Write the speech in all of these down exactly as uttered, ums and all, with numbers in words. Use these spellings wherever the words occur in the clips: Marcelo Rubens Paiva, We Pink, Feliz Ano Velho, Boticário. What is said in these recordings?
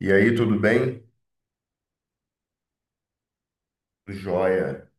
E aí, tudo bem? Joia.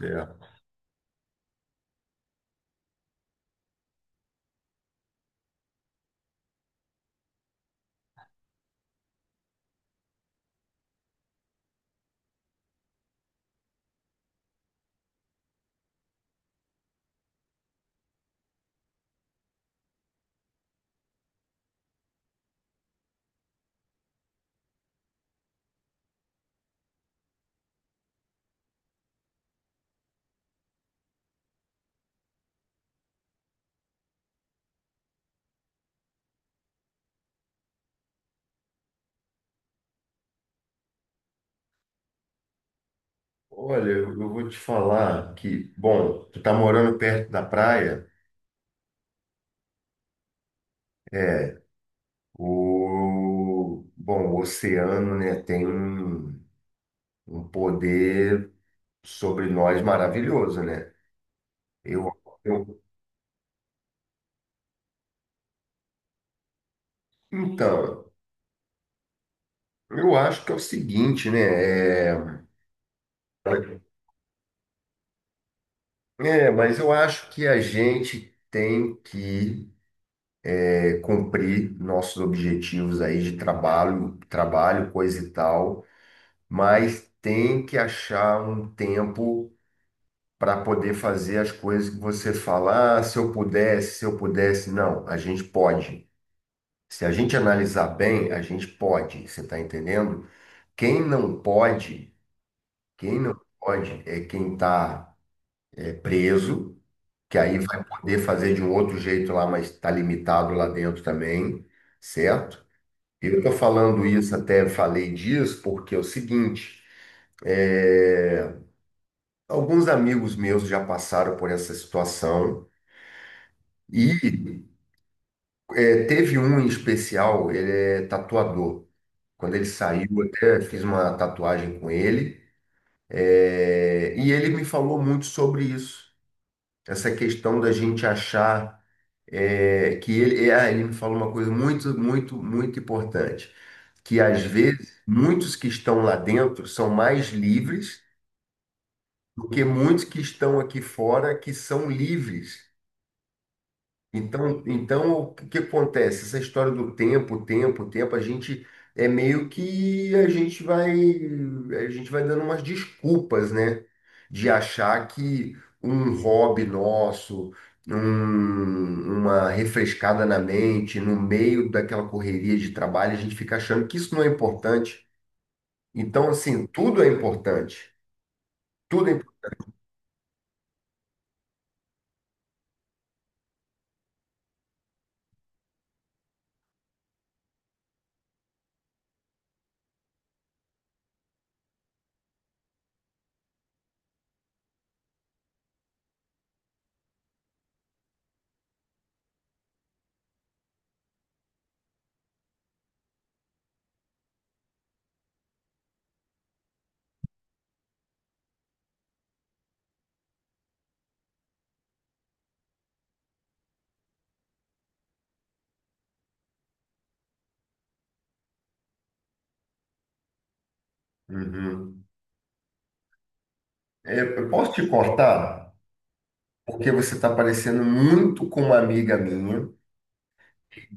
É. Olha, eu eu vou te falar que, bom, tu tá morando perto da praia, é, o, bom, o oceano, né, tem um, um poder sobre nós maravilhoso, né? Eu, eu, então, eu acho que é o seguinte, né, é, é, mas eu acho que a gente tem que é, cumprir nossos objetivos aí de trabalho, trabalho, coisa e tal. Mas tem que achar um tempo para poder fazer as coisas que você fala, ah, se eu pudesse, se eu pudesse. Não, a gente pode. Se a gente analisar bem, a gente pode, você está entendendo? Quem não pode, quem não pode é quem está preso, que aí vai poder fazer de um outro jeito lá, mas está limitado lá dentro também, certo? Eu estou falando isso, até falei disso, porque é o seguinte, é, alguns amigos meus já passaram por essa situação e eh, teve um em especial, ele é tatuador. Quando ele saiu, eu até fiz uma tatuagem com ele, eh, e ele me falou muito sobre isso, essa questão da gente achar eh, que ele, é, ah, ele me falou uma coisa muito, muito, muito importante, que às vezes muitos que estão lá dentro são mais livres do que muitos que estão aqui fora que são livres. Então, então, o que que acontece? Essa história do tempo, tempo, tempo, a gente é meio que a gente vai, a gente vai dando umas desculpas, né? De achar que um hobby nosso, um- uma refrescada na mente, no meio daquela correria de trabalho, a gente fica achando que isso não é importante. Então, assim, tudo é importante. Tudo é importante. Uhum. É, eu posso te cortar? Porque você está parecendo muito com uma amiga minha.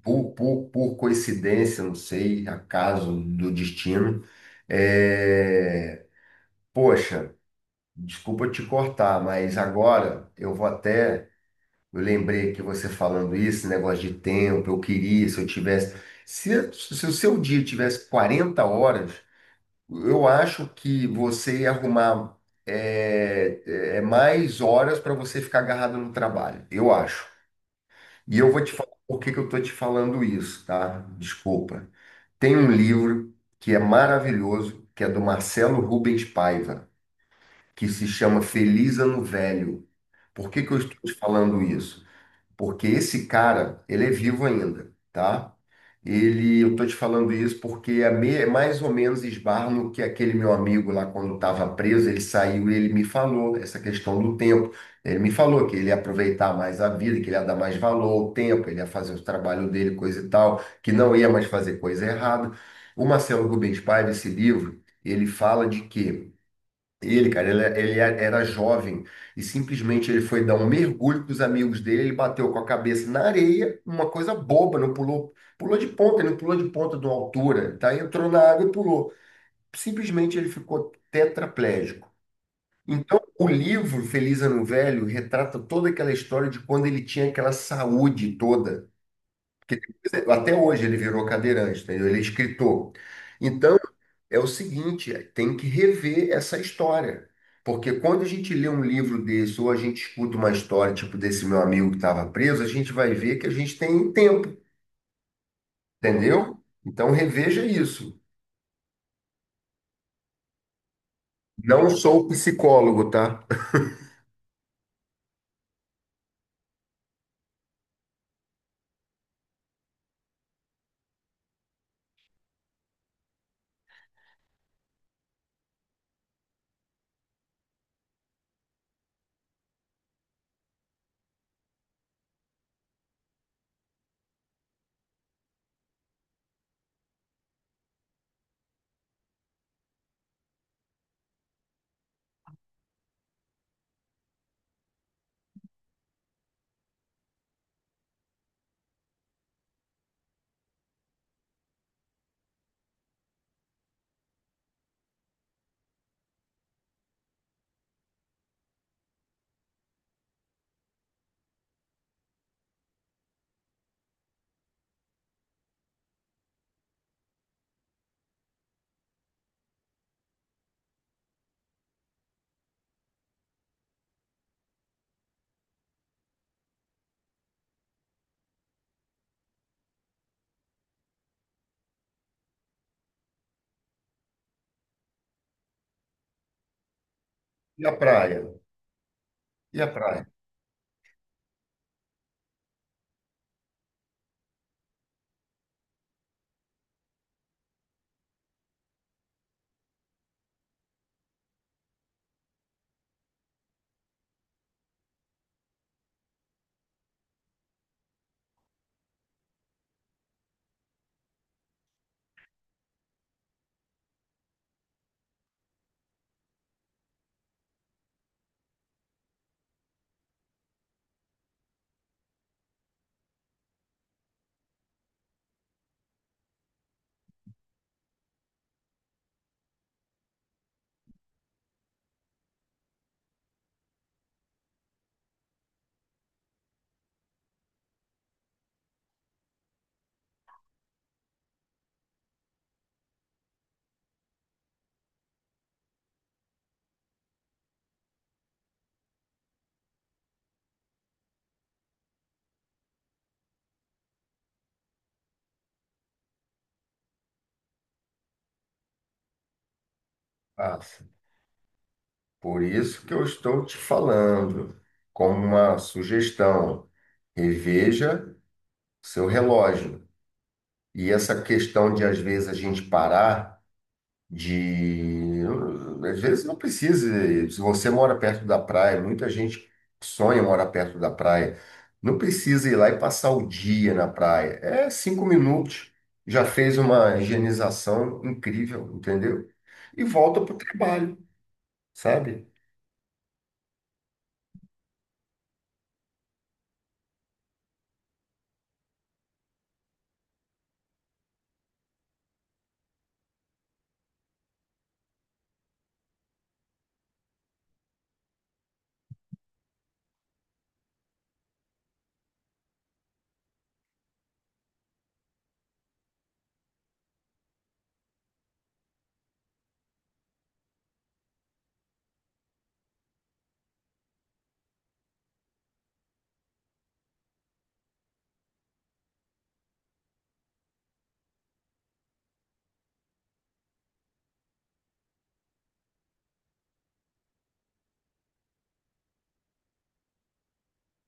por, por, por coincidência, não sei, acaso do destino. É... Poxa, desculpa te cortar, mas agora eu vou até. Eu lembrei que você falando isso, negócio de tempo, eu queria, se eu tivesse. Se, se o seu dia tivesse quarenta horas, eu acho que você ia arrumar é, é, é mais horas para você ficar agarrado no trabalho, eu acho. E eu vou te falar por que que eu tô te falando isso, tá? Desculpa. Tem um livro que é maravilhoso, que é do Marcelo Rubens Paiva, que se chama Feliz Ano Velho. Por que que eu estou te falando isso? Porque esse cara, ele é vivo ainda, tá? Ele, eu tô te falando isso porque é me- é mais ou menos esbarra no que aquele meu amigo lá quando estava preso, ele saiu e ele me falou essa questão do tempo. Ele me falou que ele ia aproveitar mais a vida, que ele ia dar mais valor ao tempo, ele ia fazer o trabalho dele, coisa e tal, que não ia mais fazer coisa errada. O Marcelo Rubens Paiva, esse livro, ele fala de quê? Ele, cara, ele, é, ele é, era jovem e simplesmente ele foi dar um mergulho com os amigos dele, ele bateu com a cabeça na areia, uma coisa boba, não pulou, pulou de ponta, ele não pulou de ponta de uma altura, tá? Entrou na água e pulou. Simplesmente ele ficou tetraplégico. Então, o livro Feliz Ano Velho retrata toda aquela história de quando ele tinha aquela saúde toda, porque depois, até hoje ele virou cadeirante, entendeu? Ele é escritor. Então, é o seguinte, é, tem que rever essa história. Porque quando a gente lê um livro desse, ou a gente escuta uma história, tipo desse meu amigo que estava preso, a gente vai ver que a gente tem tempo, entendeu? Então reveja isso. Não sou psicólogo, tá? E a praia? E a praia? Passa. Por isso que eu estou te falando, como uma sugestão, reveja seu relógio. E essa questão de, às vezes, a gente parar. De às vezes não precisa, se você mora perto da praia, muita gente sonha morar perto da praia, não precisa ir lá e passar o dia na praia, é cinco minutos, já fez uma higienização incrível, entendeu? E volta para o trabalho, sabe?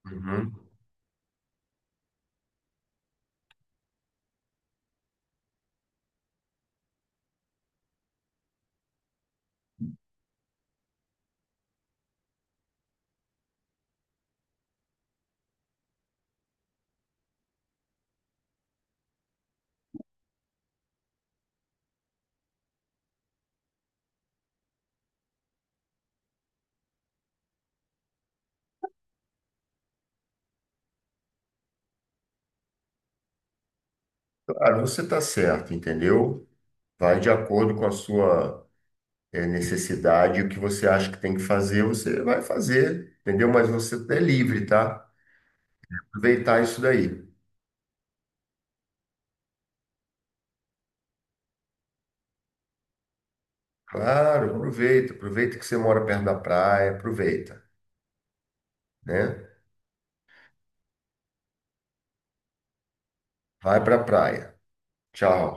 Uhum. Claro, você está certo, entendeu? Vai de acordo com a sua eh, necessidade. O que você acha que tem que fazer você vai fazer, entendeu? Mas você é livre, tá? Aproveitar isso daí. Claro, aproveita. Aproveita que você mora perto da praia, aproveita, né? Vai pra praia. Tchau.